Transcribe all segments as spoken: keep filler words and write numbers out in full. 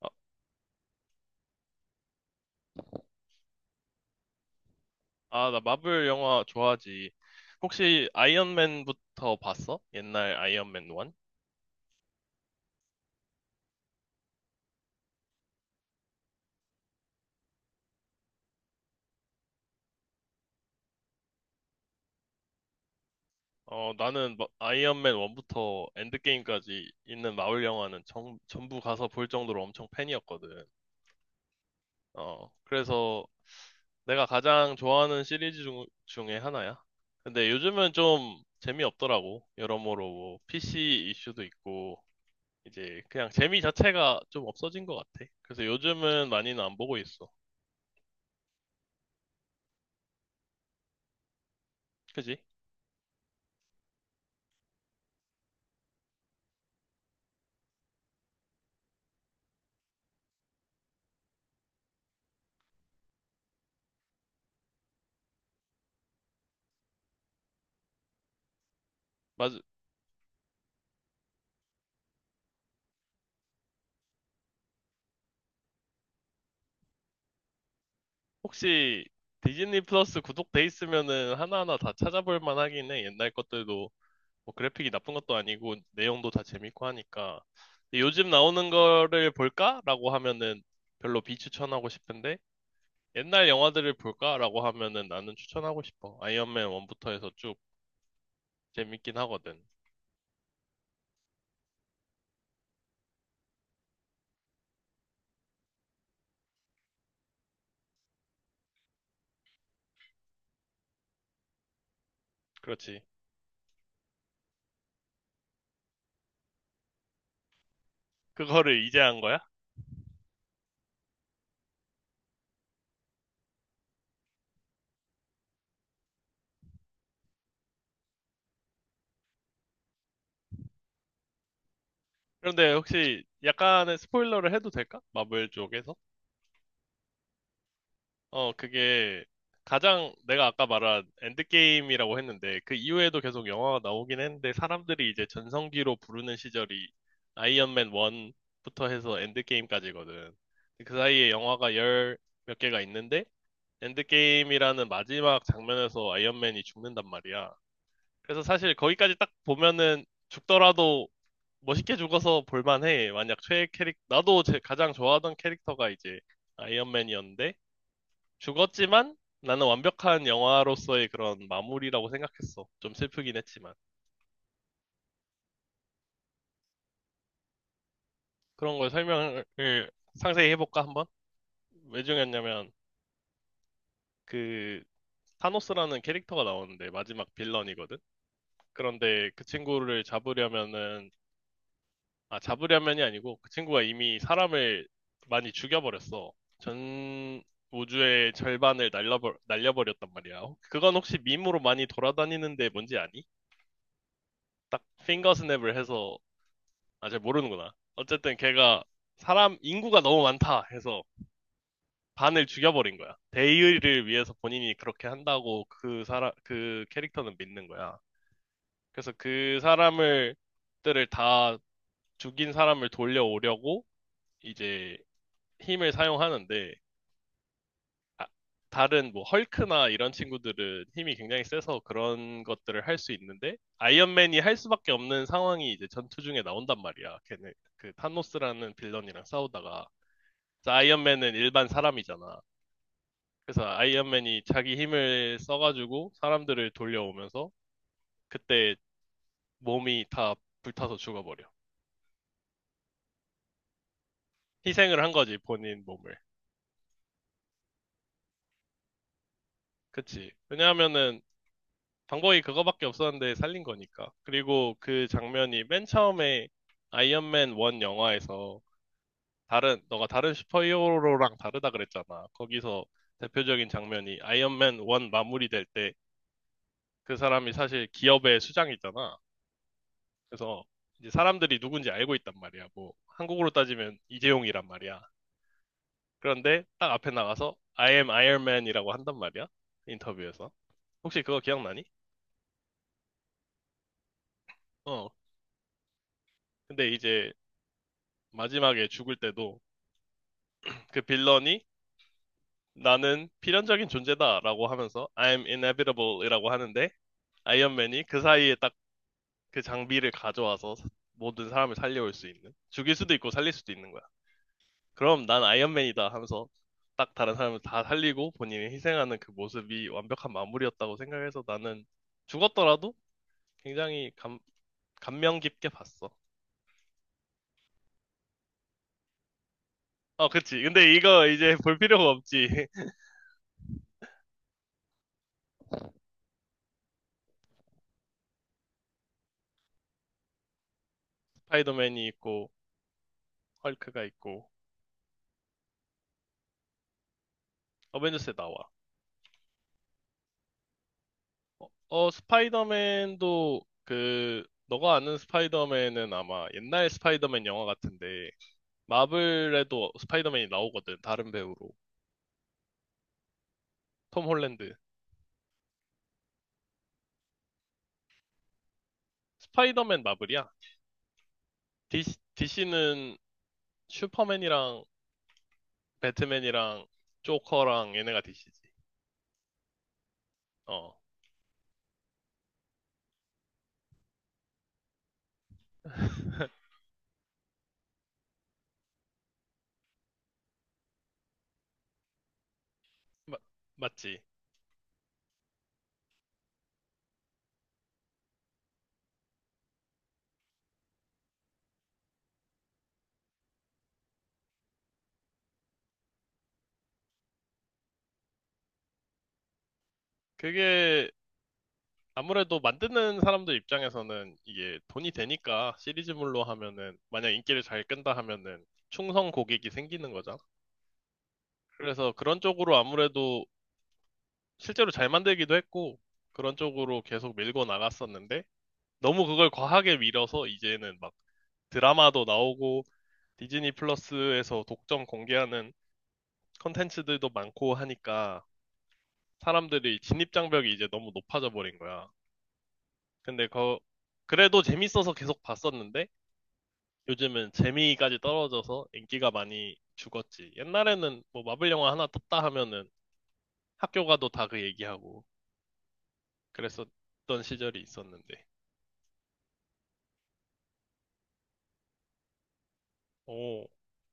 아, 아, 나 마블 영화 좋아하지. 혹시 아이언맨부터 봤어? 옛날 아이언맨 원? 어, 나는 마- 아이언맨 원부터 엔드게임까지 있는 마블 영화는 정- 전부 가서 볼 정도로 엄청 팬이었거든. 어, 그래서 내가 가장 좋아하는 시리즈 중, 중에 하나야. 근데 요즘은 좀 재미없더라고. 여러모로 뭐 피씨 이슈도 있고, 이제 그냥 재미 자체가 좀 없어진 것 같아. 그래서 요즘은 많이는 안 보고 있어. 그지? 맞아. 혹시 디즈니 플러스 구독돼 있으면은 하나하나 다 찾아볼 만하긴 해. 옛날 것들도 뭐 그래픽이 나쁜 것도 아니고 내용도 다 재밌고 하니까. 근데 요즘 나오는 거를 볼까라고 하면은 별로 비추천하고 싶은데 옛날 영화들을 볼까라고 하면은 나는 추천하고 싶어. 아이언맨 원부터 해서 쭉 재밌긴 하거든. 그렇지. 그거를 이제 한 거야? 그런데 혹시 약간의 스포일러를 해도 될까? 마블 쪽에서? 어, 그게 가장 내가 아까 말한 엔드게임이라고 했는데 그 이후에도 계속 영화가 나오긴 했는데 사람들이 이제 전성기로 부르는 시절이 아이언맨 원부터 해서 엔드게임까지거든. 그 사이에 영화가 열 몇 개가 있는데 엔드게임이라는 마지막 장면에서 아이언맨이 죽는단 말이야. 그래서 사실 거기까지 딱 보면은 죽더라도 멋있게 죽어서 볼만해. 만약 최애 캐릭, 나도 제 가장 좋아하던 캐릭터가 이제 아이언맨이었는데 죽었지만 나는 완벽한 영화로서의 그런 마무리라고 생각했어. 좀 슬프긴 했지만. 그런 걸 설명을 상세히 해볼까, 한번? 왜 중요했냐면, 그, 타노스라는 캐릭터가 나오는데, 마지막 빌런이거든? 그런데 그 친구를 잡으려면은, 아, 잡으려면이 아니고, 그 친구가 이미 사람을 많이 죽여버렸어. 전 우주의 절반을 날려버, 날려버렸단 말이야. 그건 혹시 밈으로 많이 돌아다니는데 뭔지 아니? 딱, 핑거 스냅을 해서 아, 잘 모르는구나. 어쨌든 걔가 사람 인구가 너무 많다 해서 반을 죽여버린 거야. 대의를 위해서 본인이 그렇게 한다고 그 사람, 그 캐릭터는 믿는 거야. 그래서 그 사람을, 들을 다 죽인 사람을 돌려오려고 이제 힘을 사용하는데, 아, 다른 뭐 헐크나 이런 친구들은 힘이 굉장히 세서 그런 것들을 할 수 있는데, 아이언맨이 할 수밖에 없는 상황이 이제 전투 중에 나온단 말이야. 걔네, 그 타노스라는 빌런이랑 싸우다가. 그래서 아이언맨은 일반 사람이잖아. 그래서 아이언맨이 자기 힘을 써가지고 사람들을 돌려오면서 그때 몸이 다 불타서 죽어버려. 희생을 한 거지, 본인 몸을. 그치. 왜냐하면은 방법이 그거밖에 없었는데 살린 거니까. 그리고 그 장면이 맨 처음에 아이언맨 원 영화에서 다른, 너가 다른 슈퍼히어로랑 다르다 그랬잖아. 거기서 대표적인 장면이 아이언맨 원 마무리될 때 그 사람이 사실 기업의 수장이잖아. 그래서 이제 사람들이 누군지 알고 있단 말이야. 뭐 한국으로 따지면 이재용이란 말이야. 그런데 딱 앞에 나가서 I am Iron Man이라고 한단 말이야. 인터뷰에서. 혹시 그거 기억나니? 어. 근데 이제 마지막에 죽을 때도 그 빌런이 나는 필연적인 존재다라고 하면서 I'm inevitable이라고 하는데 아이언맨이 그 사이에 딱 그 장비를 가져와서 모든 사람을 살려올 수 있는 죽일 수도 있고 살릴 수도 있는 거야. 그럼 난 아이언맨이다 하면서 딱 다른 사람을 다 살리고 본인이 희생하는 그 모습이 완벽한 마무리였다고 생각해서 나는 죽었더라도 굉장히 감, 감명 깊게 봤어. 어, 그치. 근데 이거 이제 볼 필요가 없지. 스파이더맨이 있고, 헐크가 있고, 어벤져스에 나와. 어, 어, 스파이더맨도 그, 너가 아는 스파이더맨은 아마 옛날 스파이더맨 영화 같은데, 마블에도 스파이더맨이 나오거든, 다른 배우로. 톰 홀랜드. 스파이더맨 마블이야. 디씨, 는 슈퍼맨이랑 배트맨이랑 조커랑 얘네가 디씨지. 어. 마- 맞지. 그게 아무래도 만드는 사람들 입장에서는 이게 돈이 되니까 시리즈물로 하면은 만약 인기를 잘 끈다 하면은 충성 고객이 생기는 거잖아. 그래서 그런 쪽으로 아무래도 실제로 잘 만들기도 했고 그런 쪽으로 계속 밀고 나갔었는데 너무 그걸 과하게 밀어서 이제는 막 드라마도 나오고 디즈니 플러스에서 독점 공개하는 컨텐츠들도 많고 하니까 사람들이 진입장벽이 이제 너무 높아져 버린 거야. 근데 그, 그래도 재밌어서 계속 봤었는데 요즘은 재미까지 떨어져서 인기가 많이 죽었지. 옛날에는 뭐 마블 영화 하나 떴다 하면은 학교 가도 다 그 얘기하고 그랬었던 시절이 있었는데. 오,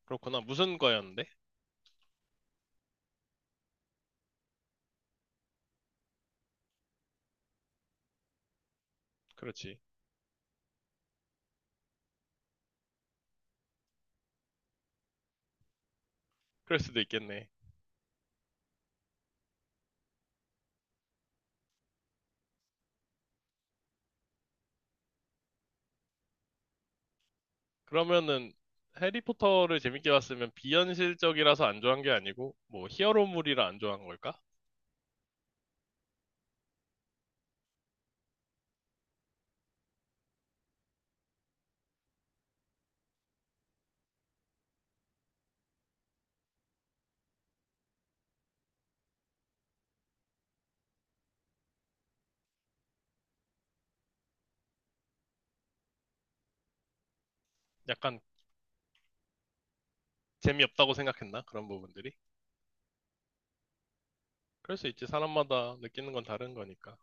그렇구나. 무슨 과였는데? 그렇지. 그럴 수도 있겠네. 그러면은 해리포터를 재밌게 봤으면 비현실적이라서 안 좋아한 게 아니고 뭐 히어로물이라 안 좋아한 걸까? 약간 재미없다고 생각했나? 그런 부분들이? 그럴 수 있지. 사람마다 느끼는 건 다른 거니까.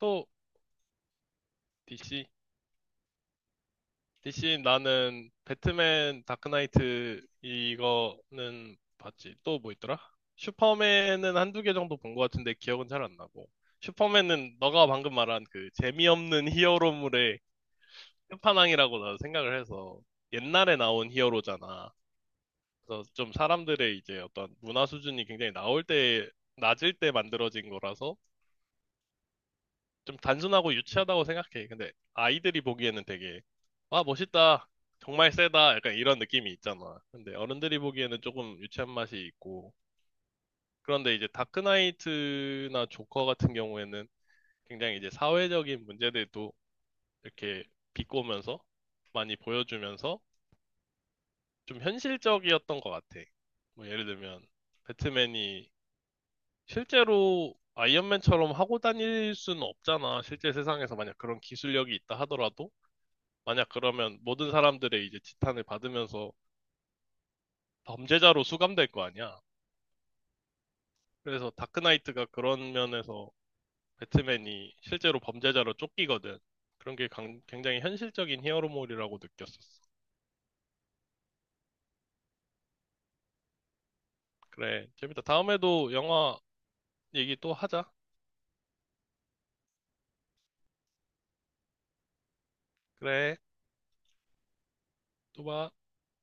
또 디씨. 디씨 나는 배트맨 다크나이트 이거는 봤지. 또 뭐 있더라? 슈퍼맨은 한두 개 정도 본 것 같은데 기억은 잘 안 나고. 슈퍼맨은 너가 방금 말한 그 재미없는 히어로물에 끝판왕이라고 나도 생각을 해서 옛날에 나온 히어로잖아. 그래서 좀 사람들의 이제 어떤 문화 수준이 굉장히 나올 때, 낮을 때 만들어진 거라서 좀 단순하고 유치하다고 생각해. 근데 아이들이 보기에는 되게, 와, 멋있다. 정말 세다. 약간 이런 느낌이 있잖아. 근데 어른들이 보기에는 조금 유치한 맛이 있고. 그런데 이제 다크나이트나 조커 같은 경우에는 굉장히 이제 사회적인 문제들도 이렇게 비꼬면서 많이 보여주면서 좀 현실적이었던 것 같아. 뭐 예를 들면 배트맨이 실제로 아이언맨처럼 하고 다닐 수는 없잖아. 실제 세상에서 만약 그런 기술력이 있다 하더라도 만약 그러면 모든 사람들의 이제 지탄을 받으면서 범죄자로 수감될 거 아니야. 그래서 다크나이트가 그런 면에서 배트맨이 실제로 범죄자로 쫓기거든. 그런 게 강- 굉장히 현실적인 히어로물이라고 느꼈었어. 그래, 재밌다. 다음에도 영화 얘기 또 하자. 그래, 또 봐.